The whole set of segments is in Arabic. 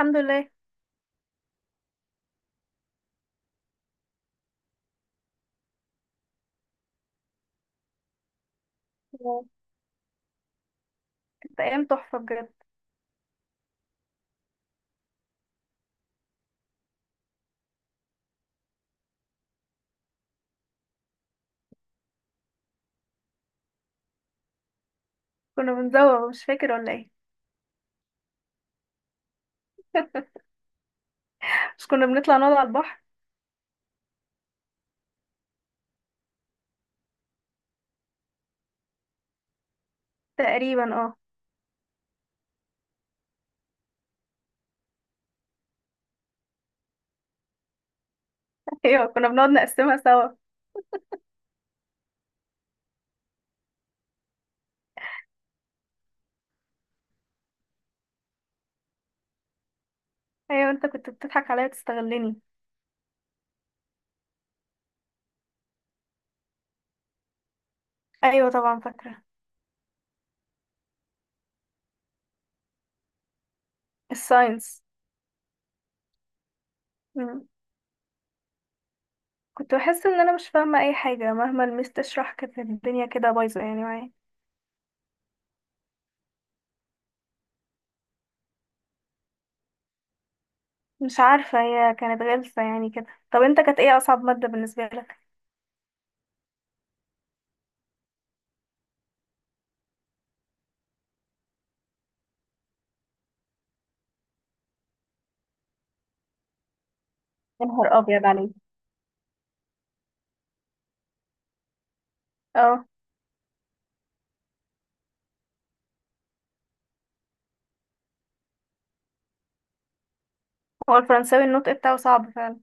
الحمد لله. كانت ايام تحفه بجد. كنا بنزوغ، مش فاكر ولا ايه. مش كنا بنطلع نقعد على البحر؟ تقريبا اه. ايوه، كنا بنقعد نقسمها سوا. ايوه، انت كنت بتضحك عليا تستغلني. ايوه طبعا فاكره. الساينس. مم. كنت بحس ان انا مش فاهمه اي حاجه، مهما الميس تشرح كانت الدنيا كده بايظه يعني معايا. مش عارفه، هي كانت غلسه يعني كده. طب انت، كانت ايه اصعب ماده بالنسبه لك؟ يا نهار ابيض عليك! اه، هو الفرنساوي النطق بتاعه صعب فعلا.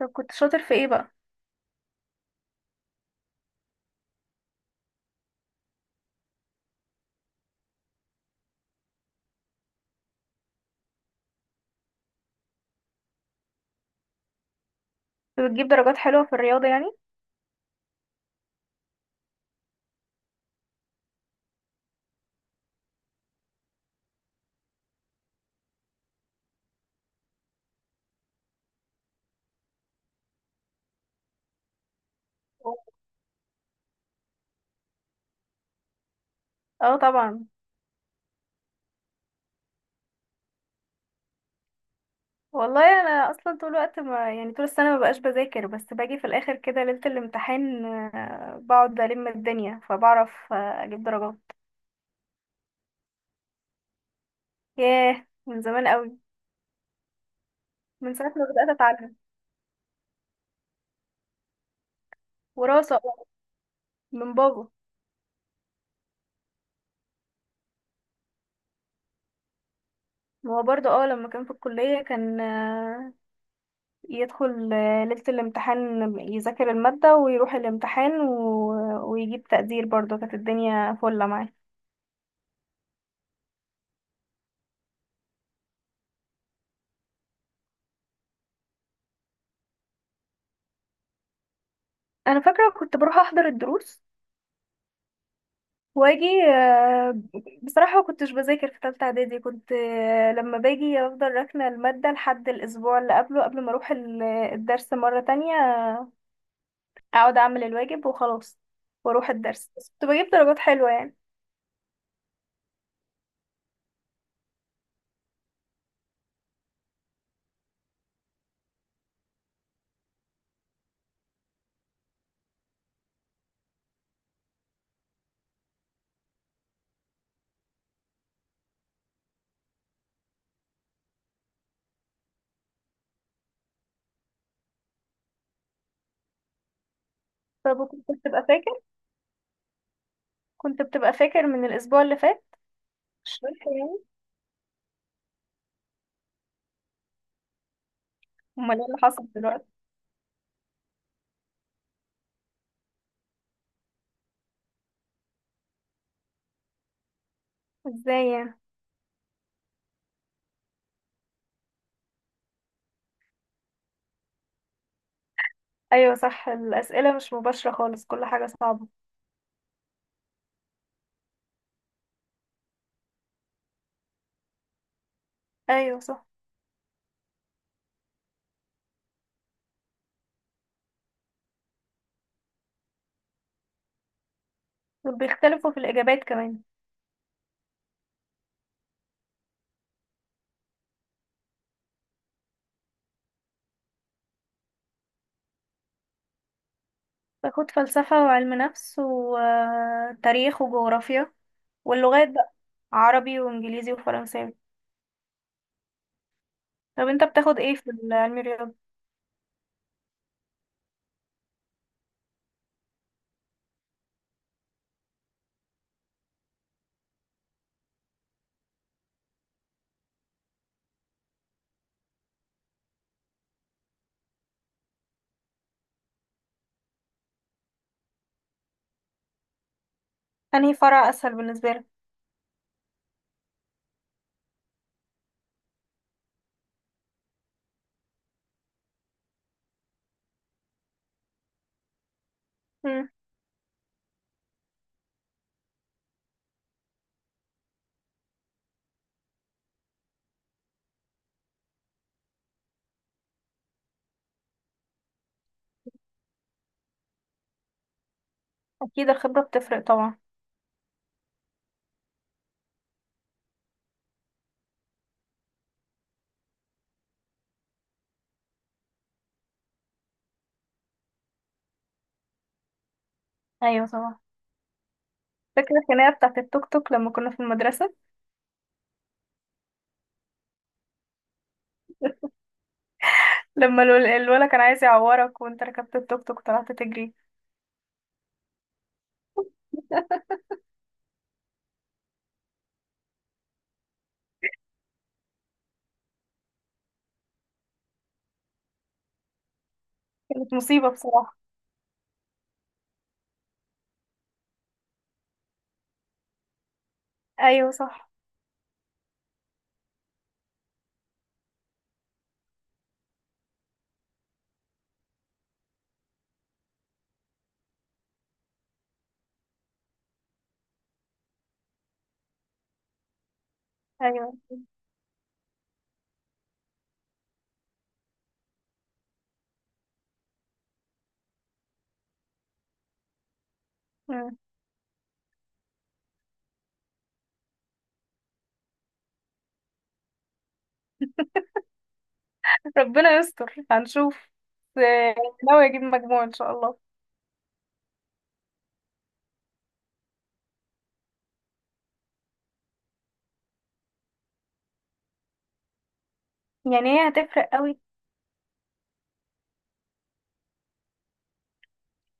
طب كنت شاطر في ايه بقى؟ كنت بتجيب درجات حلوه في الرياضه يعني؟ اه طبعا. والله انا اصلا طول الوقت، ما يعني طول السنه ما بقاش بذاكر، بس باجي في الاخر كده ليله الامتحان بقعد الم الدنيا فبعرف اجيب درجات. ياه، من زمان قوي. من ساعه ما بدات اتعلم. وراثه بقى، من بابا. هو برضه اه لما كان في الكليه، كان يدخل ليله الامتحان، يذاكر الماده ويروح الامتحان ويجيب تقدير، برضه كانت الدنيا فله معاه. انا فاكره كنت بروح احضر الدروس واجي بصراحة ما كنتش بذاكر في تالتة اعدادي، كنت لما باجي افضل راكنة المادة لحد الاسبوع اللي قبله، قبل ما اروح الدرس مرة تانية. اقعد اعمل الواجب وخلاص. واروح الدرس، بس كنت بجيب درجات حلوة يعني. طب وكنت بتبقى فاكر؟ كنت بتبقى فاكر من الاسبوع اللي فات؟ الشرح يعني. امال ايه اللي حصل دلوقتي؟ ازاي يعني؟ ايوه صح، الاسئلة مش مباشرة خالص، كل حاجة صعبة. ايوه صح. وبيختلفوا في الاجابات كمان. باخد فلسفة وعلم نفس وتاريخ وجغرافيا. واللغات بقى عربي وانجليزي وفرنساوي. طب انت بتاخد ايه في علم الرياضة؟ انهي فرع اسهل بالنسبة لك؟ مم. اكيد، الخبرة بتفرق طبعا. ايوه طبعا. فاكر الخناقة بتاعت التوك توك لما كنا في المدرسة؟ لما الولد كان عايز يعورك، وانت ركبت التوك توك طلعت تجري. كانت مصيبة بصراحة. ايوه صح. ايوه. مم. ربنا يستر، هنشوف بس. ناوي اجيب مجموع ان شاء الله. يعني هي هتفرق قوي.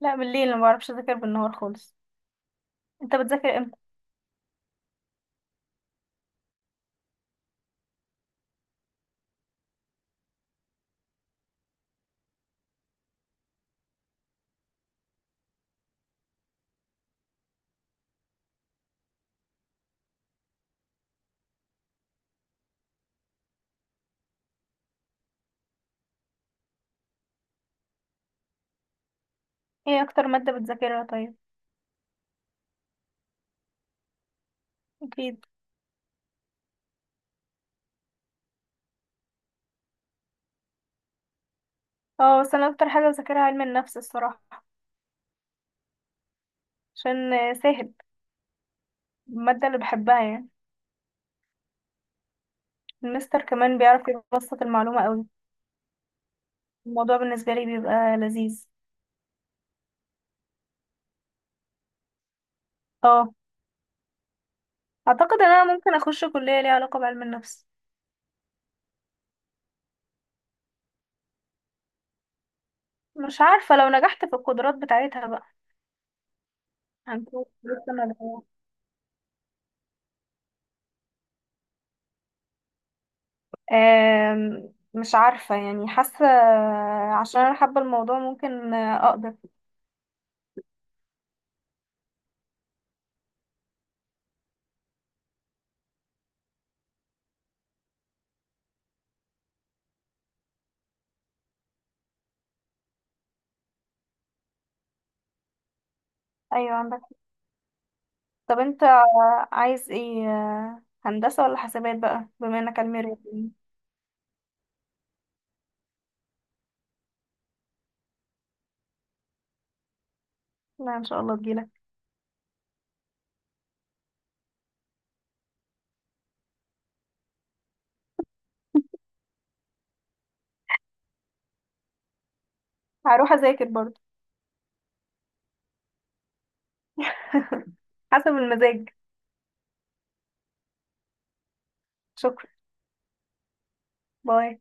لا بالليل، ما بعرفش اذاكر بالنهار خالص. انت بتذاكر امتى؟ ايه اكتر ماده بتذاكرها طيب؟ اكيد. اه بس انا اكتر حاجه بذاكرها علم النفس الصراحه. عشان سهل. الماده اللي بحبها يعني. المستر كمان بيعرف يبسط المعلومه قوي. الموضوع بالنسبه لي بيبقى لذيذ. اه. اعتقد ان انا ممكن اخش كليه ليها علاقه بعلم النفس. مش عارفه، لو نجحت في القدرات بتاعتها بقى. هنكون لسه مدعوة. مش عارفه يعني، حاسه. عشان انا حابه الموضوع، ممكن اقدر. ايوه عندك. طب انت عايز ايه، هندسة ولا حسابات بقى، بما انك علمي رياضي؟ لا ان شاء الله تجيلك. هروح اذاكر برضه. حسب المزاج. شكرا. باي.